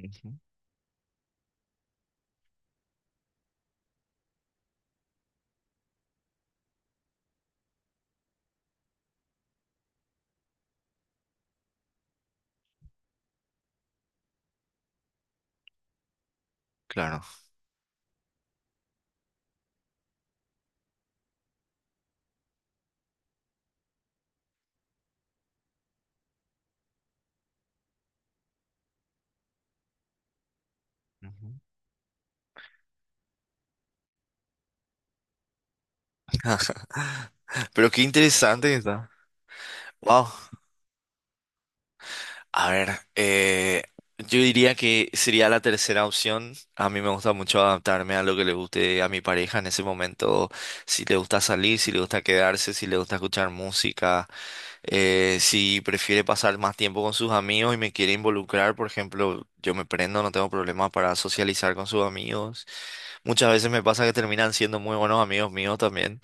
Ujú. Claro. Ujú. Pero qué interesante que está. Wow. A ver, yo diría que sería la tercera opción. A mí me gusta mucho adaptarme a lo que le guste a mi pareja en ese momento. Si le gusta salir, si le gusta quedarse, si le gusta escuchar música, si prefiere pasar más tiempo con sus amigos y me quiere involucrar, por ejemplo, yo me prendo, no tengo problemas para socializar con sus amigos. Muchas veces me pasa que terminan siendo muy buenos amigos míos también.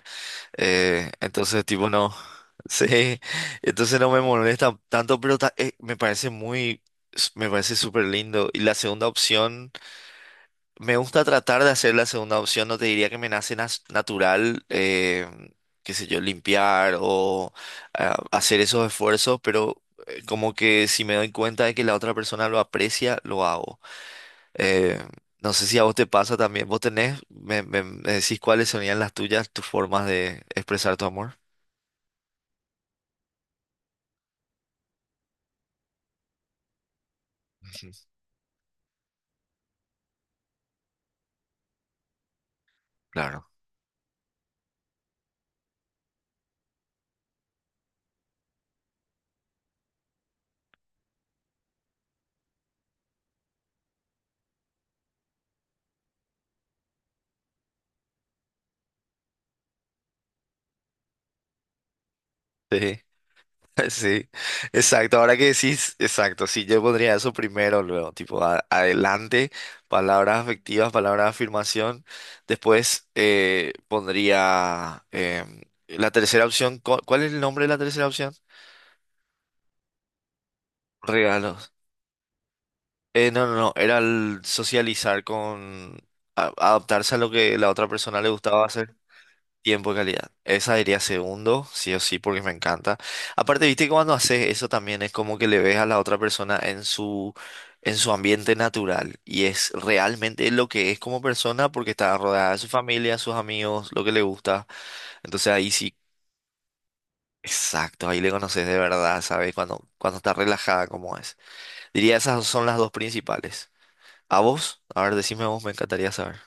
Entonces, tipo, no. Sí, entonces no me molesta tanto, pero me parece muy, me parece súper lindo. Y la segunda opción, me gusta tratar de hacer la segunda opción, no te diría que me nace natural, qué sé yo, limpiar o ah, hacer esos esfuerzos, pero como que si me doy cuenta de que la otra persona lo aprecia, lo hago. Eh, no sé si a vos te pasa también, vos tenés, me decís cuáles serían las tuyas, tus formas de expresar tu amor. Ujú. Claro. Sí, sí, exacto. Ahora que decís, exacto, sí, yo pondría eso primero, luego, tipo, adelante, palabras afectivas, palabras de afirmación. Después pondría la tercera opción. ¿Cuál es el nombre de la tercera opción? Regalos. No, no, no, era el socializar con adaptarse a lo que la otra persona le gustaba hacer. Tiempo de calidad. Esa diría segundo, sí o sí, porque me encanta. Aparte, viste que cuando haces eso también es como que le ves a la otra persona en su ambiente natural y es realmente lo que es como persona porque está rodeada de su familia, sus amigos, lo que le gusta. Entonces ahí sí, exacto, ahí le conoces de verdad, ¿sabes? Cuando, cuando está relajada como es. Diría esas son las dos principales. ¿A vos? A ver, decime vos, me encantaría saber.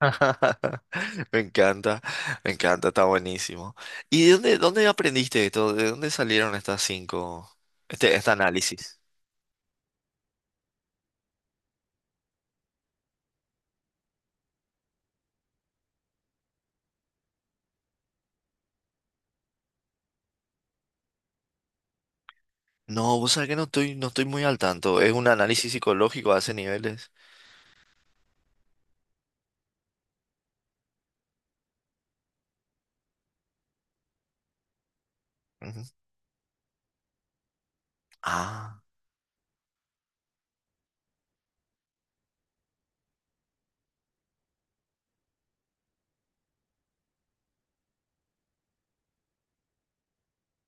Me encanta, me encanta, está buenísimo. ¿Y de dónde, dónde aprendiste esto? ¿De dónde salieron estas cinco, este análisis? No, vos sabés que no estoy, no estoy muy al tanto. ¿Es un análisis psicológico a ese niveles? Ujú. Ah,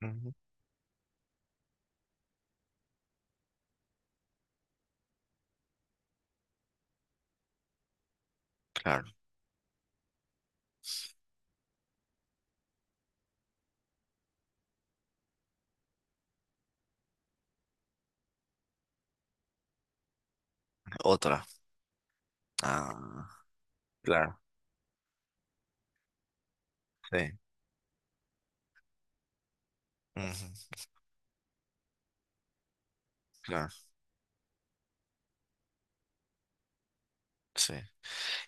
ujú, claro. Otra. Ah, claro. Sí. Ujú. Claro, sí.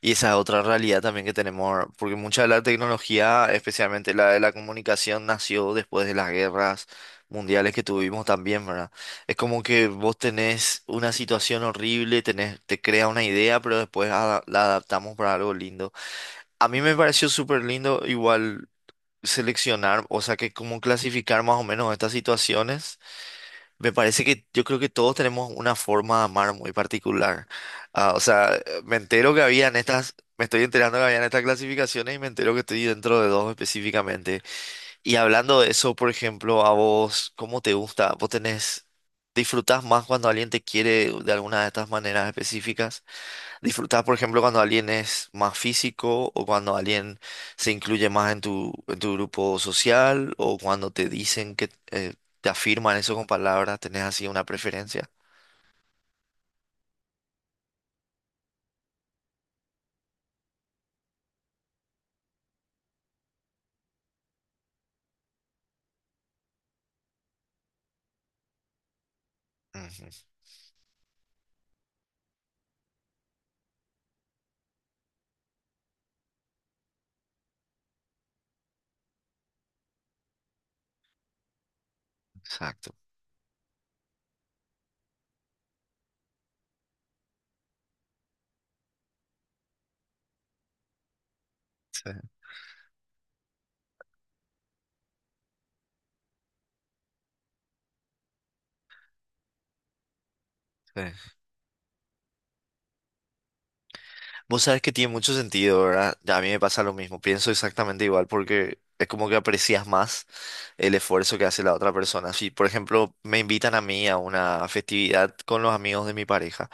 Y esa es otra realidad también que tenemos, porque mucha de la tecnología, especialmente la de la comunicación, nació después de las guerras mundiales que tuvimos también, ¿verdad? Es como que vos tenés una situación horrible, tenés, te crea una idea, pero después la adaptamos para algo lindo. A mí me pareció súper lindo igual seleccionar, o sea, que como clasificar más o menos estas situaciones me parece que yo creo que todos tenemos una forma de amar muy particular. Ah, o sea, me entero que habían estas, me estoy enterando que habían estas clasificaciones y me entero que estoy dentro de dos específicamente. Y hablando de eso, por ejemplo, a vos, ¿cómo te gusta? ¿Vos tenés, disfrutás más cuando alguien te quiere de alguna de estas maneras específicas? Disfrutar, por ejemplo, cuando alguien es más físico o cuando alguien se incluye más en tu grupo social o cuando te dicen que te afirman eso con palabras, tenés así una preferencia. Ujú. Exacto. Sí, sí. Vos sabés que tiene mucho sentido, ¿verdad? Ya a mí me pasa lo mismo, pienso exactamente igual porque es como que aprecias más el esfuerzo que hace la otra persona. Si, por ejemplo, me invitan a mí a una festividad con los amigos de mi pareja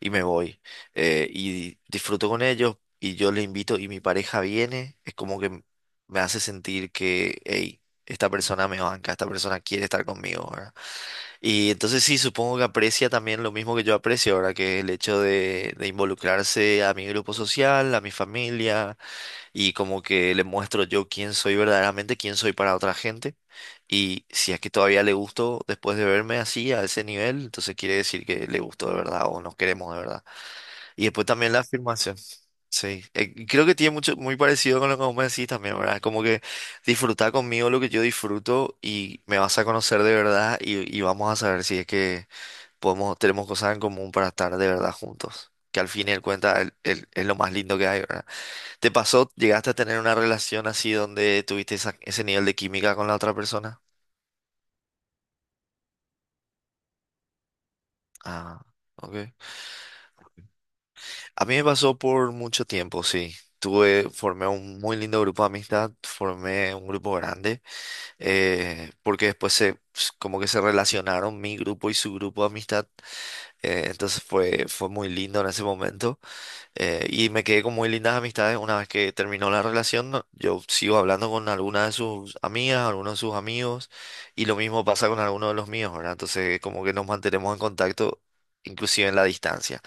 y me voy. Y disfruto con ellos y yo les invito y mi pareja viene, es como que me hace sentir que, hey, esta persona me banca, esta persona quiere estar conmigo, ¿verdad? Y entonces sí, supongo que aprecia también lo mismo que yo aprecio, ¿verdad? Que es el hecho de involucrarse a mi grupo social, a mi familia y como que le muestro yo quién soy verdaderamente, quién soy para otra gente. Y si es que todavía le gusto después de verme así, a ese nivel, entonces quiere decir que le gustó de verdad o nos queremos de verdad. Y después también la afirmación. Sí, y creo que tiene mucho, muy parecido con lo que vos me decís también, ¿verdad? Como que disfrutar conmigo lo que yo disfruto y me vas a conocer de verdad y vamos a saber si es que podemos, tenemos cosas en común para estar de verdad juntos. Que al fin y al cuenta es lo más lindo que hay, ¿verdad? ¿Te pasó, llegaste a tener una relación así donde tuviste ese nivel de química con la otra persona? Ah, ok. A mí me pasó por mucho tiempo, sí. Tuve, formé un muy lindo grupo de amistad, formé un grupo grande, porque después se, como que se relacionaron mi grupo y su grupo de amistad, entonces fue, fue muy lindo en ese momento, y me quedé con muy lindas amistades. Una vez que terminó la relación, yo sigo hablando con algunas de sus amigas, algunos de sus amigos, y lo mismo pasa con algunos de los míos, ¿verdad? Entonces como que nos mantenemos en contacto, inclusive en la distancia.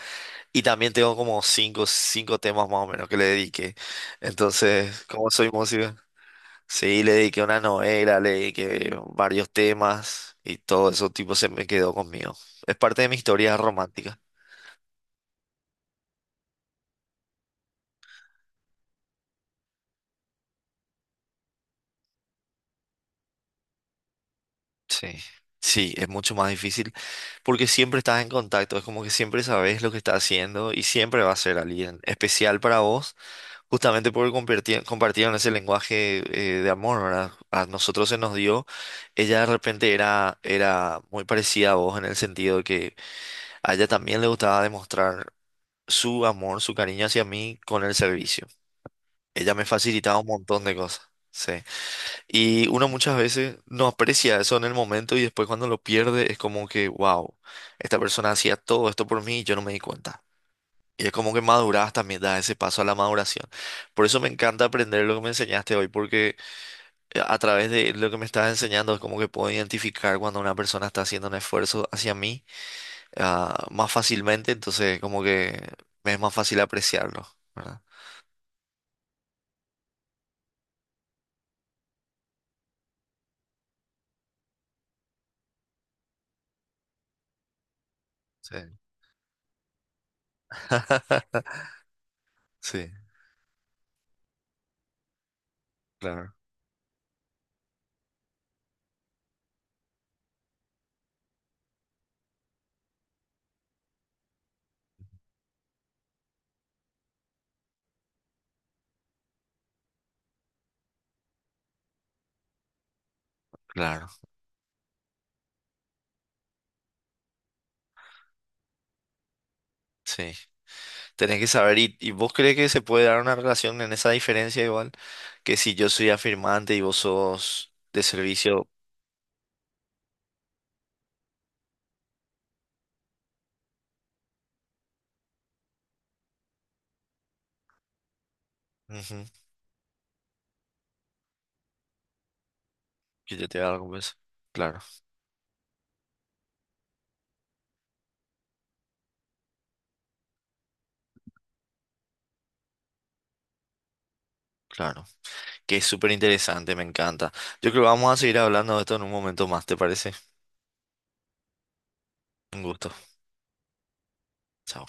Y también tengo como cinco, cinco temas más o menos que le dediqué. Entonces, como soy músico, sí, le dediqué una novela, le dediqué varios temas y todo eso tipo se me quedó conmigo. Es parte de mi historia romántica. Sí. Sí, es mucho más difícil porque siempre estás en contacto, es como que siempre sabes lo que estás haciendo y siempre va a ser alguien especial para vos. Justamente porque compartieron ese lenguaje de amor, ¿verdad? A nosotros se nos dio. Ella de repente era, era muy parecida a vos en el sentido de que a ella también le gustaba demostrar su amor, su cariño hacia mí con el servicio. Ella me facilitaba un montón de cosas. Sí. Y uno muchas veces no aprecia eso en el momento y después cuando lo pierde es como que, wow, esta persona hacía todo esto por mí y yo no me di cuenta. Y es como que maduras también, das ese paso a la maduración. Por eso me encanta aprender lo que me enseñaste hoy, porque a través de lo que me estás enseñando es como que puedo identificar cuando una persona está haciendo un esfuerzo hacia mí, ah, más fácilmente, entonces como que me es más fácil apreciarlo, ¿verdad? Sí. Sí, claro, claro, sí. Tenés que saber, y vos crees que se puede dar una relación en esa diferencia igual? Que si yo soy afirmante y vos sos de servicio, ujú, que yo te haga algo, pues, claro. Claro, que es súper interesante, me encanta. Yo creo que vamos a seguir hablando de esto en un momento más, ¿te parece? Un gusto. Chao.